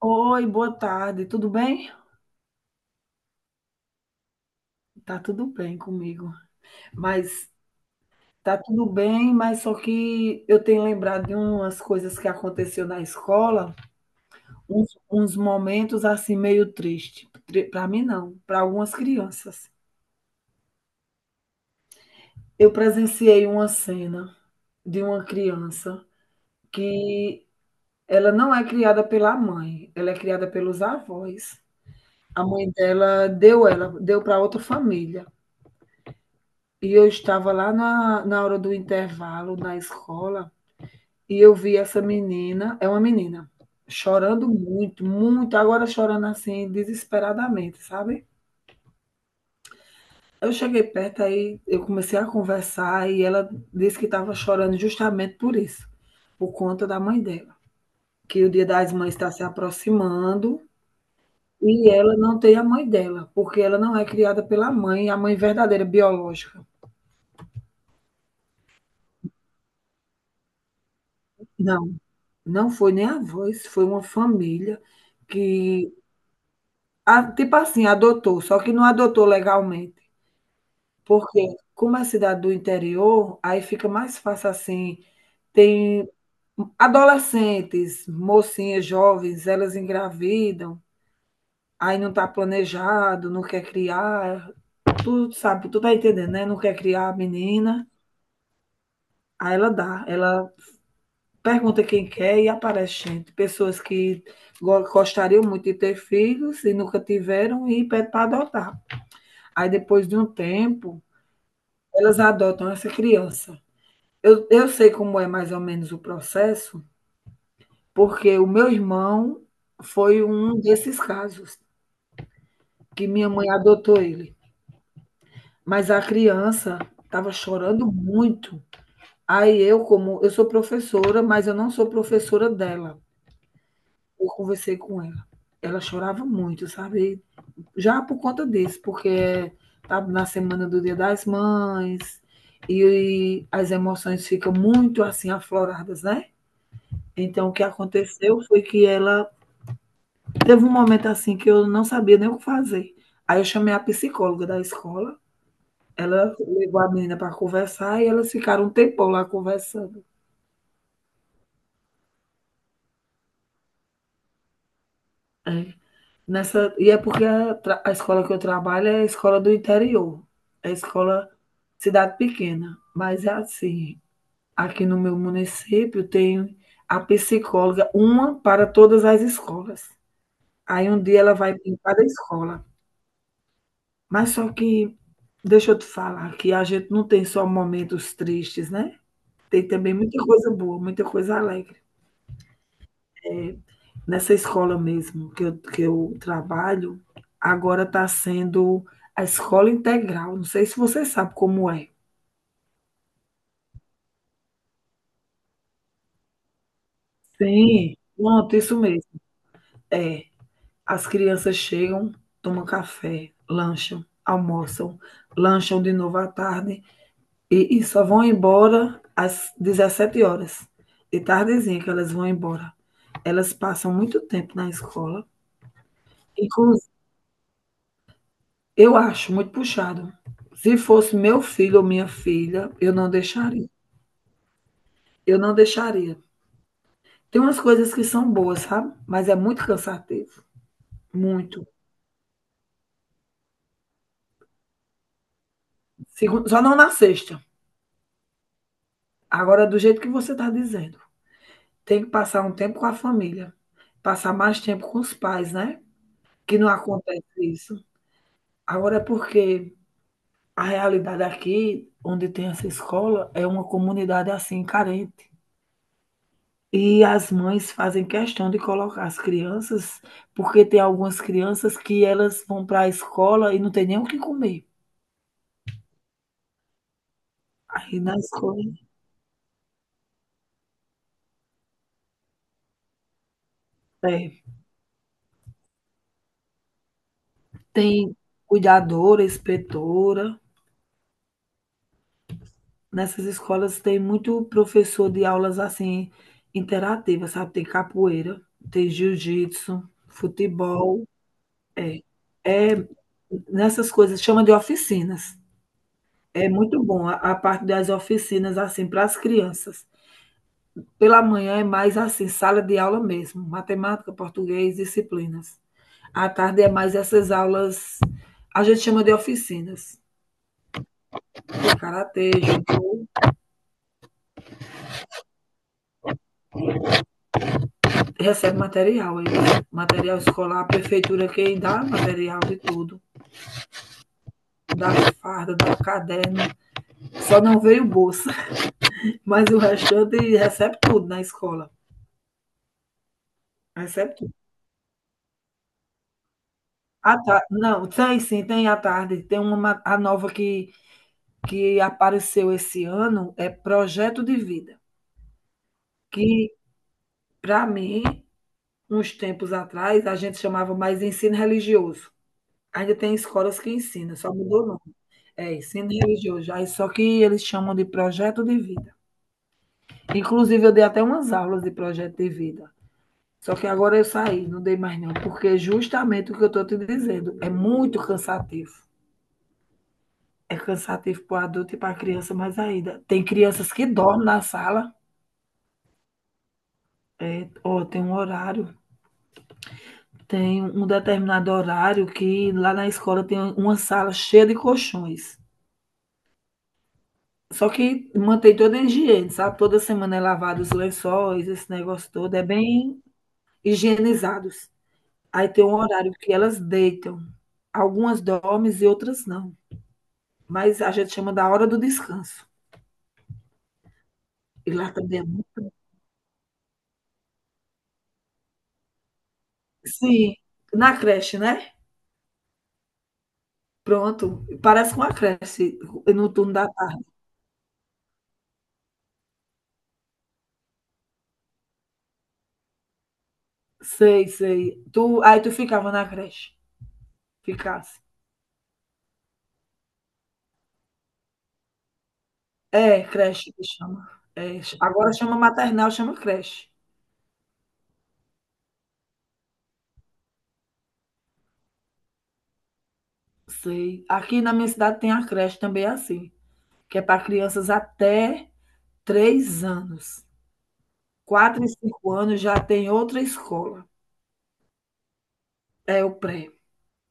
Oi, boa tarde, tudo bem? Tá tudo bem comigo, mas tá tudo bem, mas só que eu tenho lembrado de umas coisas que aconteceu na escola, uns momentos assim meio triste, para mim não, para algumas crianças. Eu presenciei uma cena de uma criança que ela não é criada pela mãe, ela é criada pelos avós. A mãe dela deu ela, deu para outra família. E eu estava lá na hora do intervalo na escola e eu vi essa menina, é uma menina, chorando muito, muito, agora chorando assim, desesperadamente, sabe? Eu cheguei perto aí, eu comecei a conversar e ela disse que estava chorando justamente por isso, por conta da mãe dela, que o Dia das Mães está se aproximando e ela não tem a mãe dela, porque ela não é criada pela mãe, é a mãe verdadeira biológica. Não. Não foi nem avós, foi uma família que, tipo assim, adotou, só que não adotou legalmente. Porque, como é cidade do interior, aí fica mais fácil assim. Tem adolescentes, mocinhas jovens, elas engravidam, aí não está planejado, não quer criar, tu sabe, tu tá entendendo, né? Não quer criar a menina, aí ela dá, ela pergunta quem quer e aparece gente. Pessoas que gostariam muito de ter filhos e nunca tiveram e pede para adotar. Aí depois de um tempo, elas adotam essa criança. Eu sei como é mais ou menos o processo, porque o meu irmão foi um desses casos que minha mãe adotou ele. Mas a criança estava chorando muito. Aí eu, como eu sou professora, mas eu não sou professora dela. Eu conversei com ela, ela chorava muito, sabe? Já por conta disso, porque tá na semana do Dia das Mães e as emoções ficam muito assim afloradas, né? Então o que aconteceu foi que ela teve um momento assim que eu não sabia nem o que fazer. Aí eu chamei a psicóloga da escola, ela levou a menina para conversar e elas ficaram um tempão lá conversando. É. Nessa, e é porque a escola que eu trabalho é a escola do interior, é a escola cidade pequena, mas é assim, aqui no meu município tem a psicóloga, uma para todas as escolas. Aí um dia ela vai em cada escola. Mas só que, deixa eu te falar, que a gente não tem só momentos tristes, né? Tem também muita coisa boa, muita coisa alegre. Eh, Nessa escola mesmo que eu trabalho, agora está sendo a escola integral. Não sei se você sabe como é. Sim, pronto, isso mesmo. É. As crianças chegam, tomam café, lancham, almoçam, lancham de novo à tarde e só vão embora às 17 horas. De tardezinha que elas vão embora. Elas passam muito tempo na escola. Inclusive, eu acho muito puxado. Se fosse meu filho ou minha filha, eu não deixaria. Eu não deixaria. Tem umas coisas que são boas, sabe? Mas é muito cansativo. Muito. Só não na sexta. Agora, do jeito que você está dizendo. Tem que passar um tempo com a família, passar mais tempo com os pais, né? Que não acontece isso. Agora é porque a realidade aqui, onde tem essa escola, é uma comunidade assim carente. E as mães fazem questão de colocar as crianças, porque tem algumas crianças que elas vão para a escola e não tem nem o que comer. Aí na escola, é, tem cuidadora, inspetora, nessas escolas tem muito professor de aulas assim interativas, sabe? Tem capoeira, tem jiu-jitsu, futebol, é. Nessas coisas chama de oficinas. É muito bom a parte das oficinas assim para as crianças. Pela manhã é mais assim, sala de aula mesmo, matemática, português, disciplinas. À tarde é mais essas aulas, a gente chama de oficinas, de karatê, judô, recebe material, material escolar, a prefeitura que dá material de tudo, dá farda, dá caderno, só não veio bolsa, mas o restante recebe tudo na escola, recebe tudo. Não, tem sim, tem à tarde. Tem uma a nova que apareceu esse ano, é Projeto de Vida, que para mim, uns tempos atrás, a gente chamava mais ensino religioso. Ainda tem escolas que ensinam, só mudou o nome. É isso, ensino religioso. Aí só que eles chamam de Projeto de Vida. Inclusive, eu dei até umas aulas de Projeto de Vida. Só que agora eu saí, não dei mais não, porque justamente o que eu estou te dizendo é muito cansativo. É cansativo para o adulto e para a criança. Mas ainda. Tem crianças que dormem na sala, é, ó, tem um horário, tem um determinado horário que lá na escola tem uma sala cheia de colchões. Só que mantém toda a higiene, sabe? Toda semana é lavado os lençóis, esse negócio todo. É bem higienizados. Aí tem um horário que elas deitam. Algumas dormem e outras não. Mas a gente chama da hora do descanso. E lá também é muito. Sim, na creche, né? Pronto, parece com a creche, no turno da tarde. Sei, sei. Aí tu ficava na creche, ficasse. É, creche que chama. É, agora chama maternal, chama creche. Sei. Aqui na minha cidade tem a creche também é assim, que é para crianças até 3 anos. 4 e 5 anos já tem outra escola. É o pré,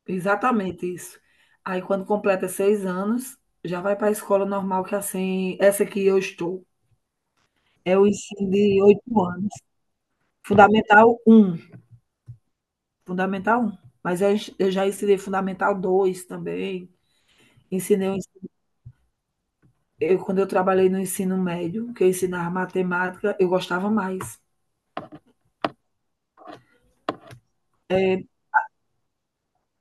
exatamente isso. Aí quando completa 6 anos, já vai para a escola normal, que é assim, essa que eu estou. É o ensino de 8 anos. Fundamental um. Fundamental um. Mas eu, eu já ensinei Fundamental 2 também. Ensinei, quando eu trabalhei no ensino médio, que eu ensinava matemática, eu gostava mais.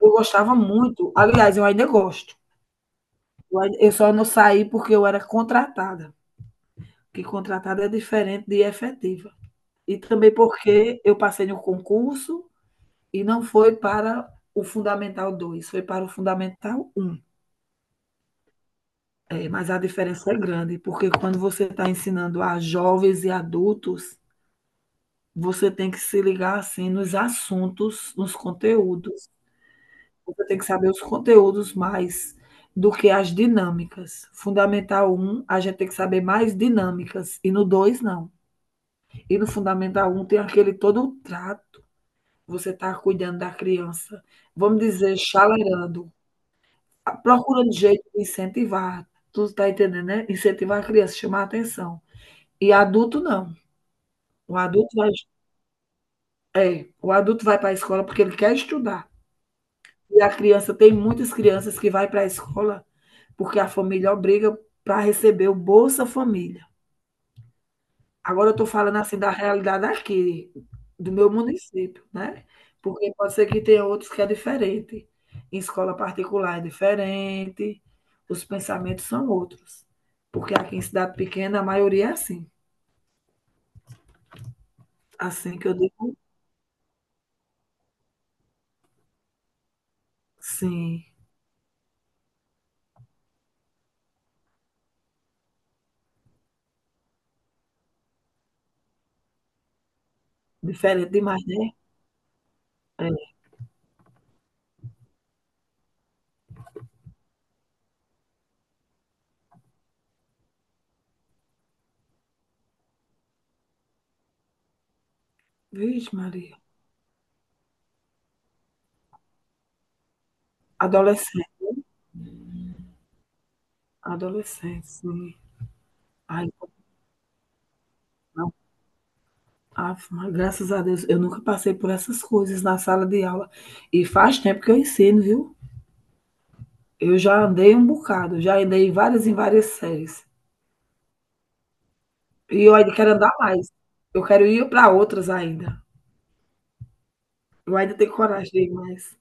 Eu gostava muito. Aliás, eu ainda gosto. Eu eu só não saí porque eu era contratada. Que contratada é diferente de efetiva. E também porque eu passei no concurso e não foi para o Fundamental dois, foi para o Fundamental um. É, mas a diferença é grande, porque quando você está ensinando a jovens e adultos, você tem que se ligar assim nos assuntos, nos conteúdos. Você tem que saber os conteúdos mais do que as dinâmicas. Fundamental um a gente tem que saber mais dinâmicas, e no 2 não. E no Fundamental um tem aquele todo o trato. Você está cuidando da criança, vamos dizer, chalerando, procurando jeito de incentivar. Tu está entendendo, né? Incentivar a criança, chamar a atenção. E adulto não. O adulto vai, é, o adulto vai para a escola porque ele quer estudar. E a criança, tem muitas crianças que vai para a escola porque a família obriga para receber o Bolsa Família. Agora eu estou falando assim da realidade aqui, do meu município, né? Porque pode ser que tenha outros que é diferente. Em escola particular é diferente, os pensamentos são outros. Porque aqui em cidade pequena a maioria é assim. Assim que eu digo, sim. Diferente demais, né? É. Vixe, Maria. Adolescente. Adolescente, sim. Ai, não. Ave Maria, graças a Deus, eu nunca passei por essas coisas na sala de aula. E faz tempo que eu ensino, viu? Eu já andei um bocado, já andei em várias séries. E eu ainda quero andar mais. Eu quero ir para outras ainda. Eu ainda tenho coragem de ir mais.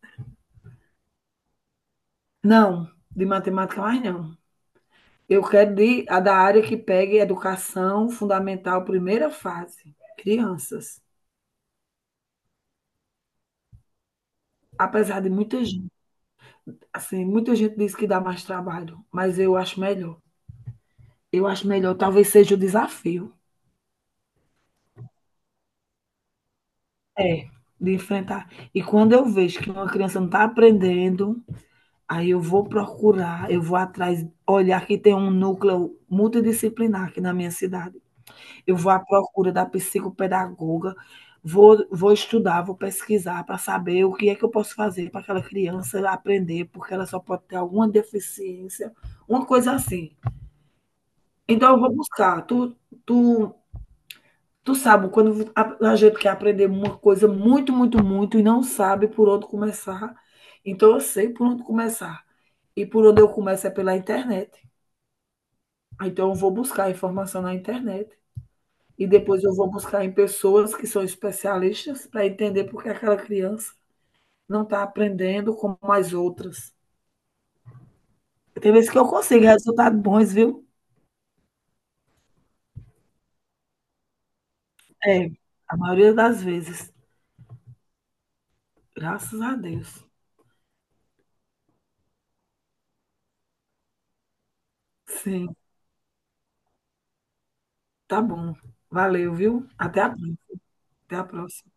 Não, de matemática mais não. Eu quero de, a da área que pegue educação fundamental, primeira fase, crianças. Apesar de muita gente, assim, muita gente diz que dá mais trabalho, mas eu acho melhor. Eu acho melhor, talvez seja o desafio. É, de enfrentar. E quando eu vejo que uma criança não está aprendendo, aí eu vou procurar, eu vou atrás, olhar que tem um núcleo multidisciplinar aqui na minha cidade. Eu vou à procura da psicopedagoga, vou estudar, vou pesquisar para saber o que é que eu posso fazer para aquela criança aprender, porque ela só pode ter alguma deficiência, uma coisa assim. Então eu vou buscar. Tu Tu sabe, quando a gente quer aprender uma coisa muito, muito, muito e não sabe por onde começar, então eu sei por onde começar. E por onde eu começo é pela internet. Então eu vou buscar informação na internet e depois eu vou buscar em pessoas que são especialistas para entender por que aquela criança não está aprendendo como as outras. Tem vezes que eu consigo resultados bons, viu? É, a maioria das vezes. Graças a Deus. Sim, tá bom. Valeu, viu? Até a, próxima. Até a próxima.